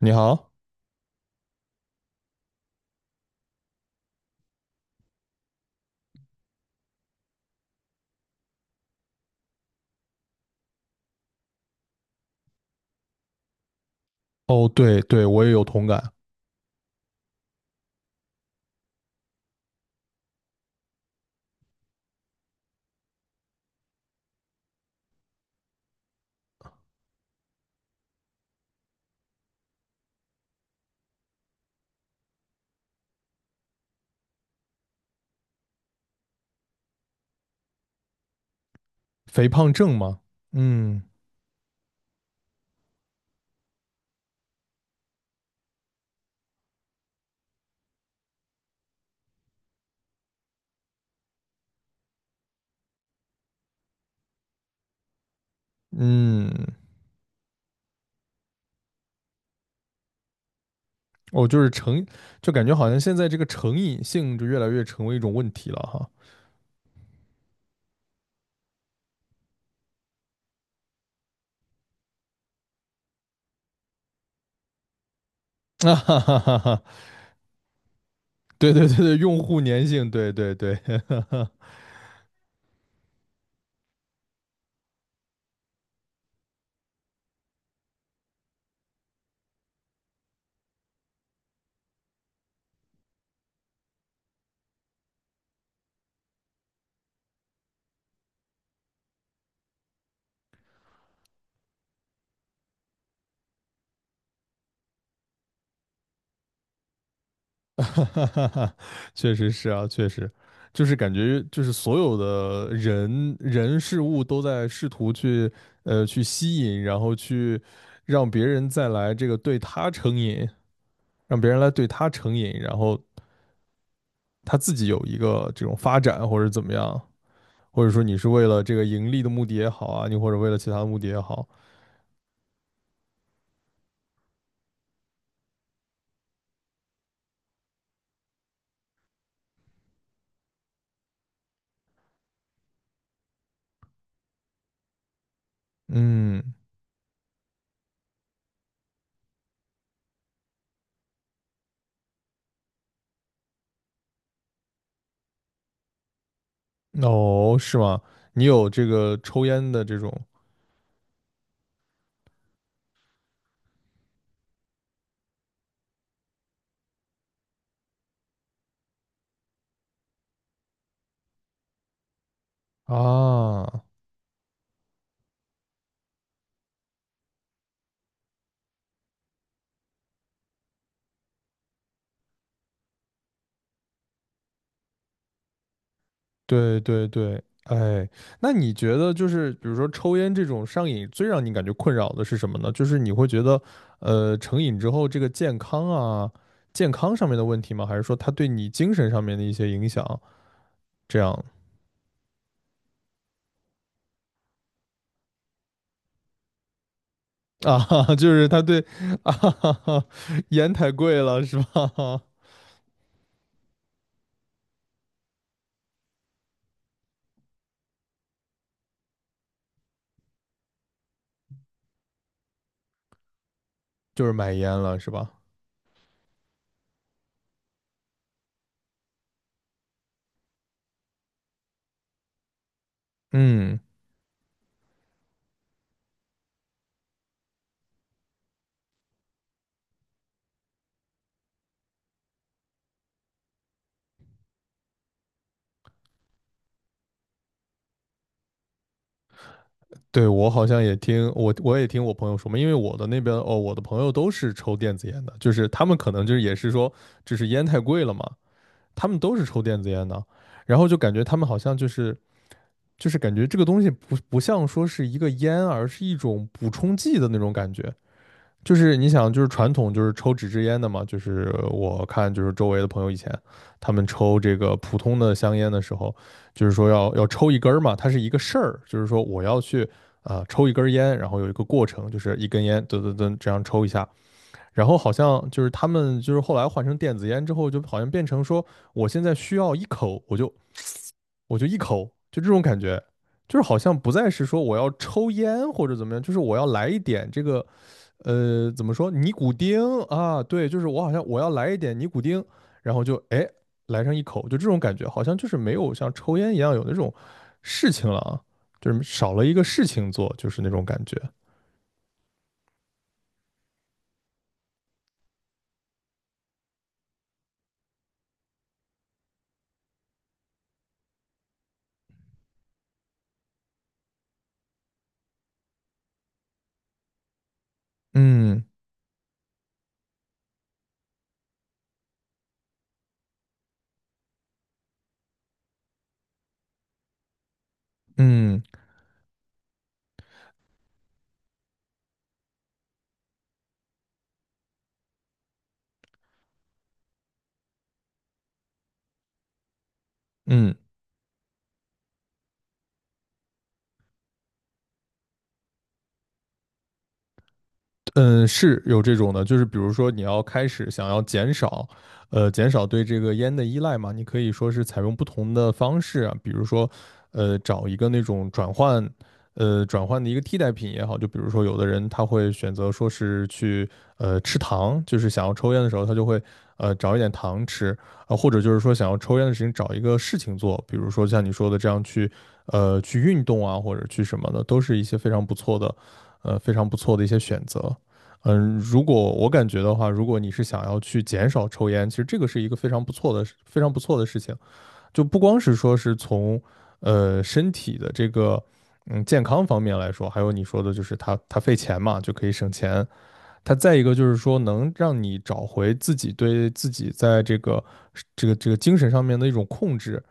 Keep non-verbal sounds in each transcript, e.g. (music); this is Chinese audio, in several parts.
你好。哦，对对，我也有同感。肥胖症嘛，嗯嗯。我就是成，就感觉好像现在这个成瘾性就越来越成为一种问题了哈。(laughs) 啊哈哈哈哈，对对对对，用户粘性，对对对。(laughs) 哈哈哈哈，确实是啊，确实，就是感觉就是所有的人人事物都在试图去去吸引，然后去让别人再来这个对他成瘾，让别人来对他成瘾，然后他自己有一个这种发展或者怎么样，或者说你是为了这个盈利的目的也好啊，你或者为了其他的目的也好。嗯。哦，是吗？你有这个抽烟的这种啊？对对对，哎，那你觉得就是比如说抽烟这种上瘾，最让你感觉困扰的是什么呢？就是你会觉得，成瘾之后这个健康啊，健康上面的问题吗？还是说它对你精神上面的一些影响？这样啊。(laughs) 就是他对啊，(laughs) 烟太贵了是吧？(laughs) 就是买烟了是吧？嗯，对，我好像也听我朋友说嘛，因为我的那边哦，我的朋友都是抽电子烟的，就是他们可能就是也是说，就是烟太贵了嘛，他们都是抽电子烟的，然后就感觉他们好像就是感觉这个东西不像说是一个烟，而是一种补充剂的那种感觉。就是你想，就是传统就是抽纸质烟的嘛，就是我看就是周围的朋友以前他们抽这个普通的香烟的时候，就是说要抽一根儿嘛，它是一个事儿，就是说我要去啊、抽一根烟，然后有一个过程，就是一根烟噔噔噔这样抽一下，然后好像就是他们就是后来换成电子烟之后，就好像变成说我现在需要一口，我就一口，就这种感觉。就是好像不再是说我要抽烟或者怎么样，就是我要来一点这个怎么说尼古丁啊？对，就是我好像我要来一点尼古丁，然后就哎来上一口，就这种感觉，好像就是没有像抽烟一样有那种事情了啊，就是少了一个事情做，就是那种感觉。嗯嗯。嗯。嗯，是有这种的，就是比如说你要开始想要减少，减少对这个烟的依赖嘛，你可以说是采用不同的方式啊。比如说，找一个那种转换，转换的一个替代品也好，就比如说有的人他会选择说是去，吃糖，就是想要抽烟的时候，他就会，找一点糖吃啊，或者就是说想要抽烟的事情找一个事情做，比如说像你说的这样去，去运动啊，或者去什么的，都是一些非常不错的，非常不错的一些选择。嗯，如果我感觉的话，如果你是想要去减少抽烟，其实这个是一个非常不错的、非常不错的事情。就不光是说是从身体的这个健康方面来说，还有你说的就是它费钱嘛，就可以省钱。它再一个就是说能让你找回自己对自己在这个这个精神上面的一种控制。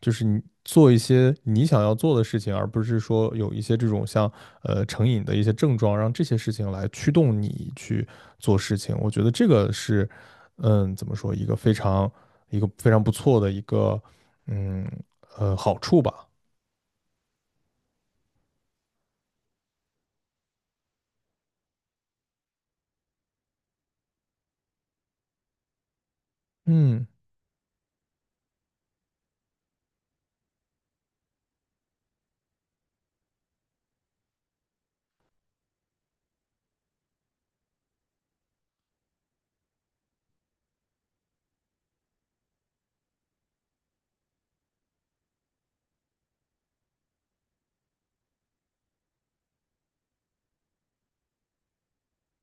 就是你做一些你想要做的事情，而不是说有一些这种像成瘾的一些症状，让这些事情来驱动你去做事情。我觉得这个是，嗯，怎么说，一个非常不错的一个，嗯好处吧。嗯，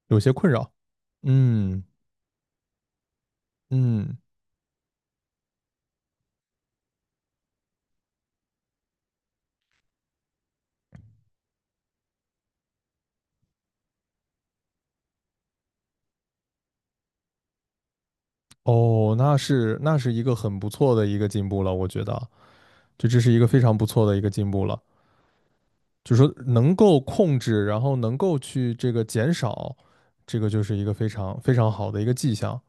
有些困扰。嗯。嗯，哦，那那是一个很不错的一个进步了，我觉得，就这是一个非常不错的一个进步了。就是说能够控制，然后能够去这个减少，这个就是一个非常非常好的一个迹象。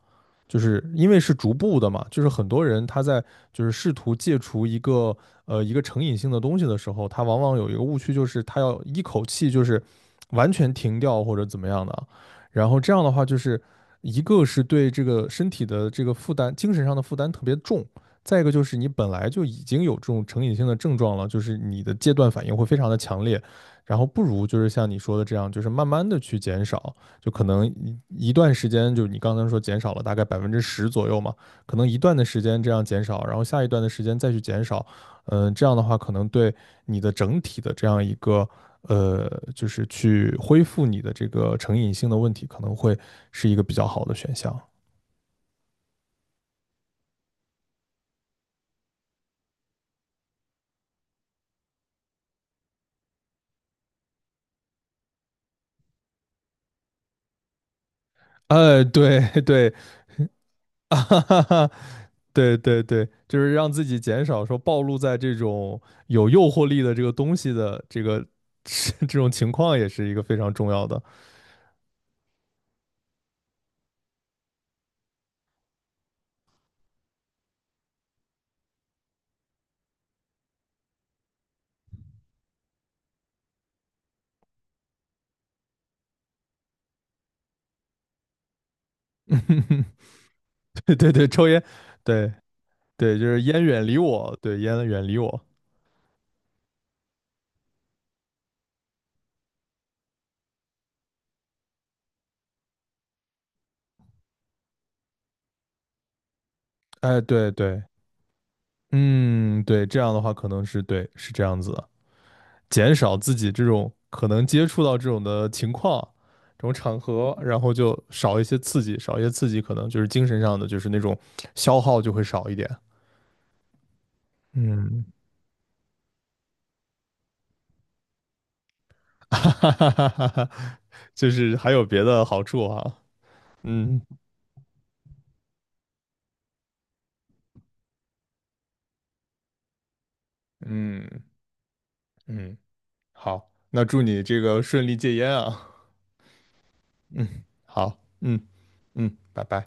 就是因为是逐步的嘛，就是很多人他在就是试图戒除一个一个成瘾性的东西的时候，他往往有一个误区，就是他要一口气就是完全停掉或者怎么样的，然后这样的话就是一个是对这个身体的这个负担，精神上的负担特别重，再一个就是你本来就已经有这种成瘾性的症状了，就是你的戒断反应会非常的强烈，然后不如就是像你说的这样，就是慢慢的去减少。就可能一段时间，就是你刚才说减少了大概10%左右嘛，可能一段的时间这样减少，然后下一段的时间再去减少，嗯，这样的话可能对你的整体的这样一个呃，就是去恢复你的这个成瘾性的问题，可能会是一个比较好的选项。对对，(laughs) 啊哈哈哈，对对对，就是让自己减少说暴露在这种有诱惑力的这个东西的这个 (laughs) 这种情况，也是一个非常重要的。(laughs) (laughs) 对对，对，抽烟，对对，就是烟远离我，对，烟远离我。哎，对对，嗯，对，这样的话可能是对，是这样子的，减少自己这种可能接触到这种的情况，这种场合，然后就少一些刺激，少一些刺激，可能就是精神上的，就是那种消耗就会少一点。嗯，(laughs) 哈哈哈哈哈哈，就是还有别的好处啊。嗯。嗯，嗯，好，那祝你这个顺利戒烟啊。嗯，好，嗯。嗯，拜拜。